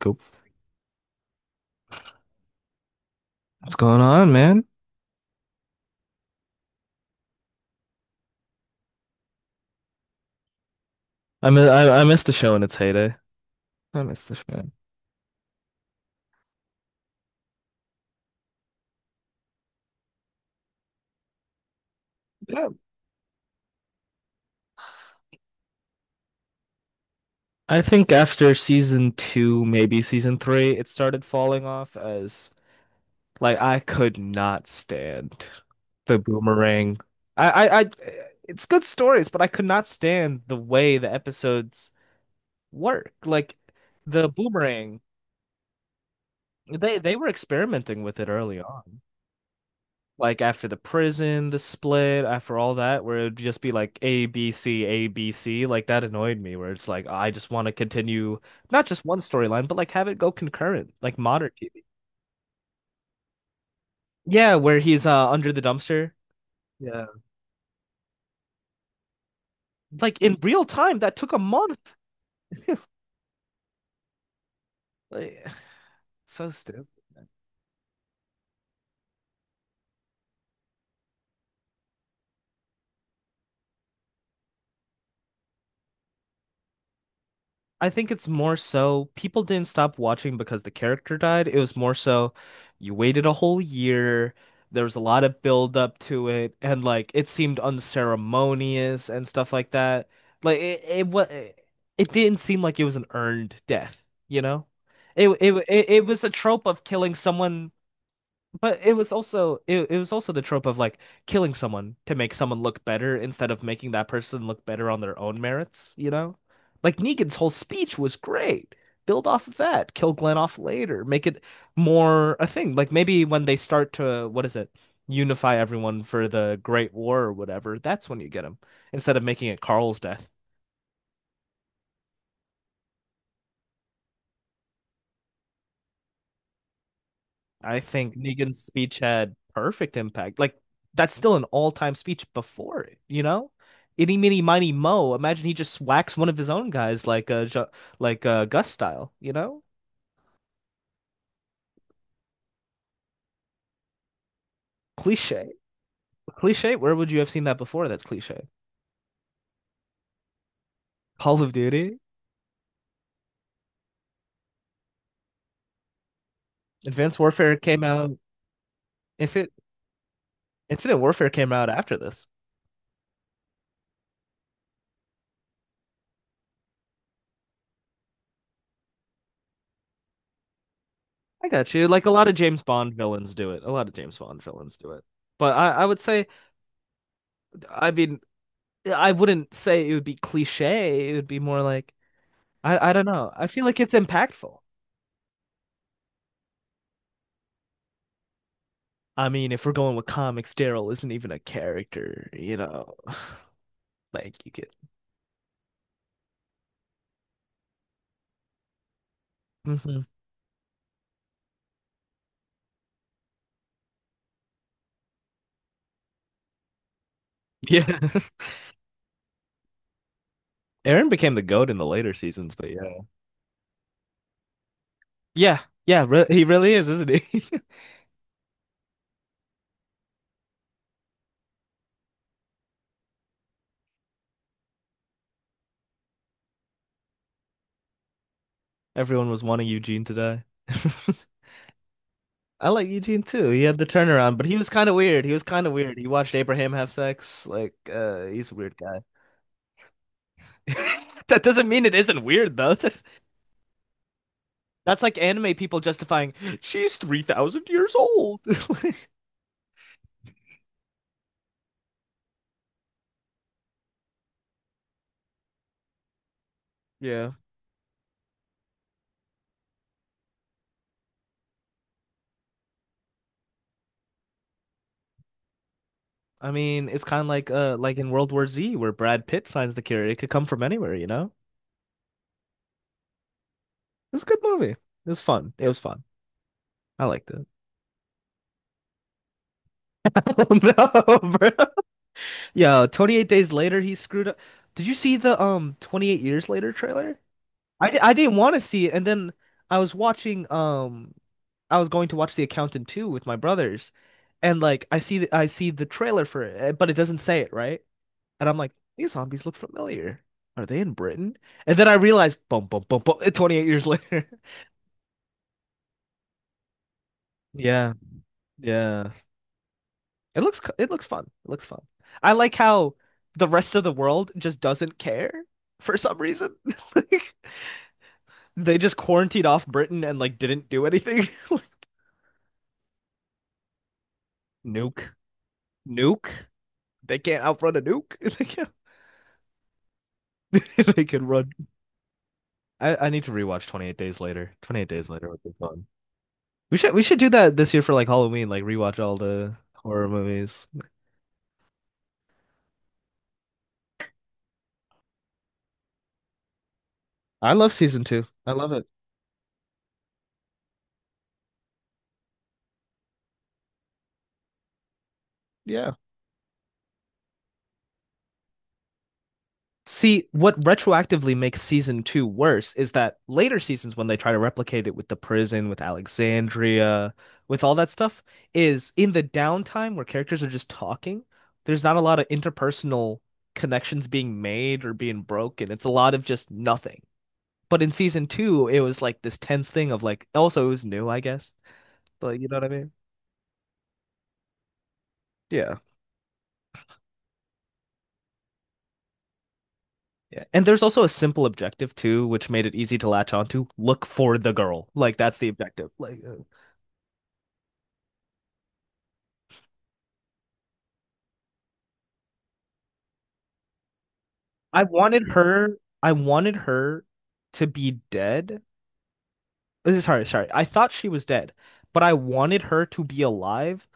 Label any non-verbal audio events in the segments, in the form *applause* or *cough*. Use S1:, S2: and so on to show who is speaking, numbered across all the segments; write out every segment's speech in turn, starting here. S1: Cool. What's going on, man? I missed the show in its heyday. I missed the show. Yeah. I think after season two, maybe season three, it started falling off as like I could not stand the boomerang. I it's good stories, but I could not stand the way the episodes work. Like the boomerang, they were experimenting with it early on. Like after the prison, the split, after all that, where it would just be like A, B, C, A, B, C. Like that annoyed me, where it's like I just want to continue not just one storyline, but like have it go concurrent, like modern TV. Yeah, where he's under the dumpster. Yeah. Like in real time, that took a month. *laughs* Like, *sighs* so stupid. I think it's more so people didn't stop watching because the character died. It was more so you waited a whole year. There was a lot of build up to it, and like it seemed unceremonious and stuff like that. Like it didn't seem like it was an earned death, you know? It was a trope of killing someone, but it was also it was also the trope of like killing someone to make someone look better instead of making that person look better on their own merits, you know? Like Negan's whole speech was great. Build off of that, kill Glenn off later, make it more a thing. Like maybe when they start to what is it? Unify everyone for the Great War or whatever, that's when you get him instead of making it Carl's death. I think Negan's speech had perfect impact. Like that's still an all-time speech before it, you know? Itty meeny miny mo. Imagine he just whacks one of his own guys like Jo- like Gus style, you know? Cliche. Cliche. Where would you have seen that before? That's cliche. Call of Duty. Advanced Warfare came out if it Infinite Warfare came out after this. I got you. Like a lot of James Bond villains do it. A lot of James Bond villains do it. But I would say, I mean, I wouldn't say it would be cliche. It would be more like I don't know. I feel like it's impactful. I mean, if we're going with comics, Daryl isn't even a character, you know. *sighs* Like you could. Hmm. Yeah. *laughs* Aaron became the goat in the later seasons, but yeah. Yeah. Yeah, re he really is, isn't he? *laughs* Everyone was wanting Eugene to die. *laughs* I like Eugene too. He had the turnaround, but he was kind of weird. He was kind of weird. He watched Abraham have sex. Like, he's a weird guy. *laughs* That doesn't mean it isn't weird though. *laughs* That's like anime people justifying, she's 3,000 years old. *laughs* Like, yeah. I mean, it's kind of like in World War Z where Brad Pitt finds the cure. It could come from anywhere, you know? It's a good movie. It was fun. It was fun. I liked it. *laughs* Oh no, bro. Yo, 28 days later he screwed up. Did you see the 28 years later trailer? I didn't want to see it, and then I was watching I was going to watch The Accountant 2 with my brothers and like I see the trailer for it, eh, but it doesn't say it, right? And I'm like, these zombies look familiar. Are they in Britain? And then I realized, boom, boom, boom, boom, *laughs* 28 years later. *laughs* Yeah, yeah. It looks co- it looks fun. It looks fun. I like how the rest of the world just doesn't care for some reason. *laughs* Like they just quarantined off Britain and like didn't do anything. *laughs* Like, nuke. Nuke. They can't outrun a nuke. *laughs* They can't. *laughs* They can run. I need to rewatch 28 Days Later. 28 Days Later would be fun. We should do that this year for like Halloween, like rewatch all the horror movies. I love season two. I love it. Yeah. See, what retroactively makes season two worse is that later seasons, when they try to replicate it with the prison, with Alexandria, with all that stuff, is in the downtime where characters are just talking, there's not a lot of interpersonal connections being made or being broken. It's a lot of just nothing. But in season two, it was like this tense thing of like, also, it was new, I guess. Like, you know what I mean? Yeah. Yeah. And there's also a simple objective too, which made it easy to latch onto. Look for the girl. Like that's the objective. Like I wanted her I wanted her to be dead. Sorry, sorry. I thought she was dead, but I wanted her to be alive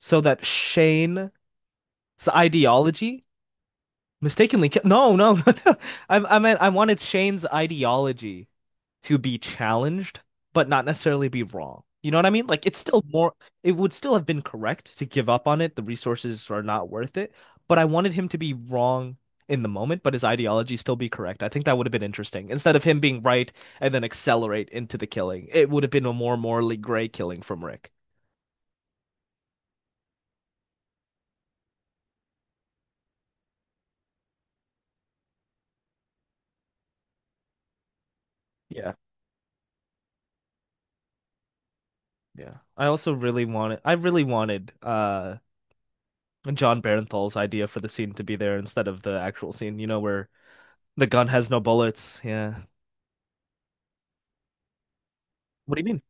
S1: so that Shane's ideology mistakenly ki- no, no, *laughs* no. I meant I wanted Shane's ideology to be challenged, but not necessarily be wrong. You know what I mean? Like it's still more it would still have been correct to give up on it. The resources are not worth it, but I wanted him to be wrong in the moment, but his ideology still be correct. I think that would have been interesting. Instead of him being right and then accelerate into the killing, it would have been a more morally gray killing from Rick. Yeah. Yeah. I really wanted John Barenthal's idea for the scene to be there instead of the actual scene, you know, where the gun has no bullets. Yeah. What do you mean?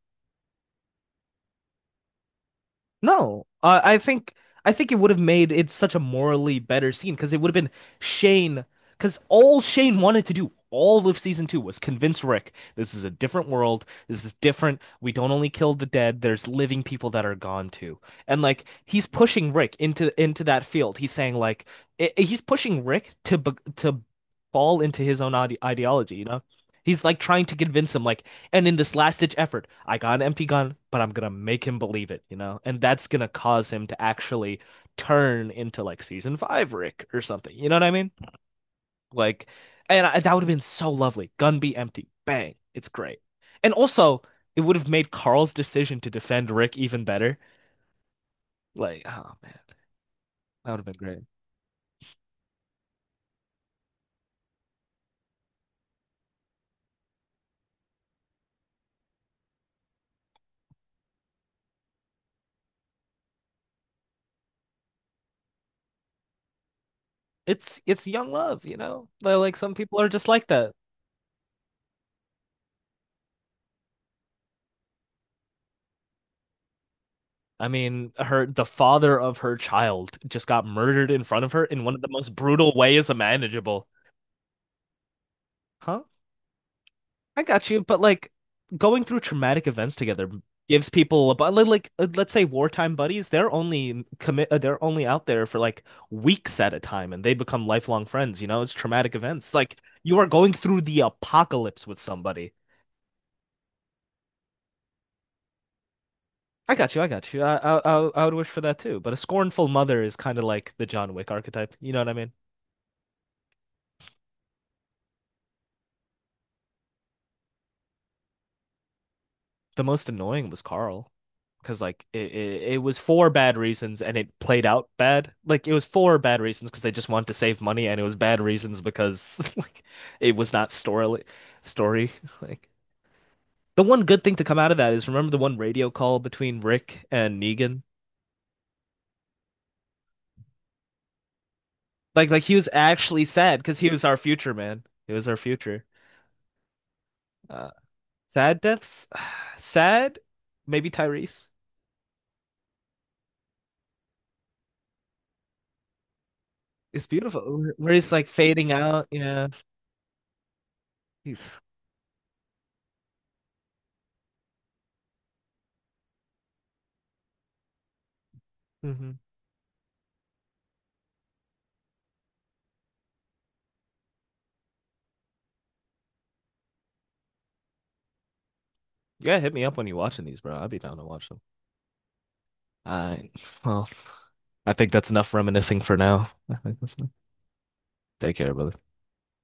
S1: No, I think it would have made it such a morally better scene because it would have been Shane, because all Shane wanted to do all of season two was convince Rick this is a different world. This is different. We don't only kill the dead. There's living people that are gone too, and like he's pushing Rick into that field. He's saying like I he's pushing Rick to be- to fall into his own ideology. You know, he's like trying to convince him like and in this last ditch effort, I got an empty gun, but I'm gonna make him believe it, you know? And that's gonna cause him to actually turn into like season five Rick or something. You know what I mean? Like, that would have been so lovely. Gun be empty. Bang. It's great. And also, it would have made Carl's decision to defend Rick even better. Like, oh man, that would have been great. It's young love, you know? Like some people are just like that. I mean, her the father of her child just got murdered in front of her in one of the most brutal ways imaginable. Huh? I got you, but like going through traumatic events together gives people a like let's say wartime buddies, they're only commit they're only out there for like weeks at a time and they become lifelong friends, you know? It's traumatic events. Like you are going through the apocalypse with somebody. I got you. I would wish for that too, but a scornful mother is kind of like the John Wick archetype. You know what I mean? The most annoying was Carl because like it was for bad reasons and it played out bad. Like it was for bad reasons because they just wanted to save money and it was bad reasons because *laughs* like it was not story *laughs* like the one good thing to come out of that is remember the one radio call between Rick and Negan? Like he was actually sad because he was our future man. He was our future. Uh, sad deaths, *sighs* sad. Maybe Tyrese. It's beautiful where he's like fading out. Yeah, he's. Mhm. Yeah, hit me up when you're watching these, bro. I'd be down to watch them. All right. Well, I think that's enough reminiscing for now. *laughs* I think that's enough. Take care, brother.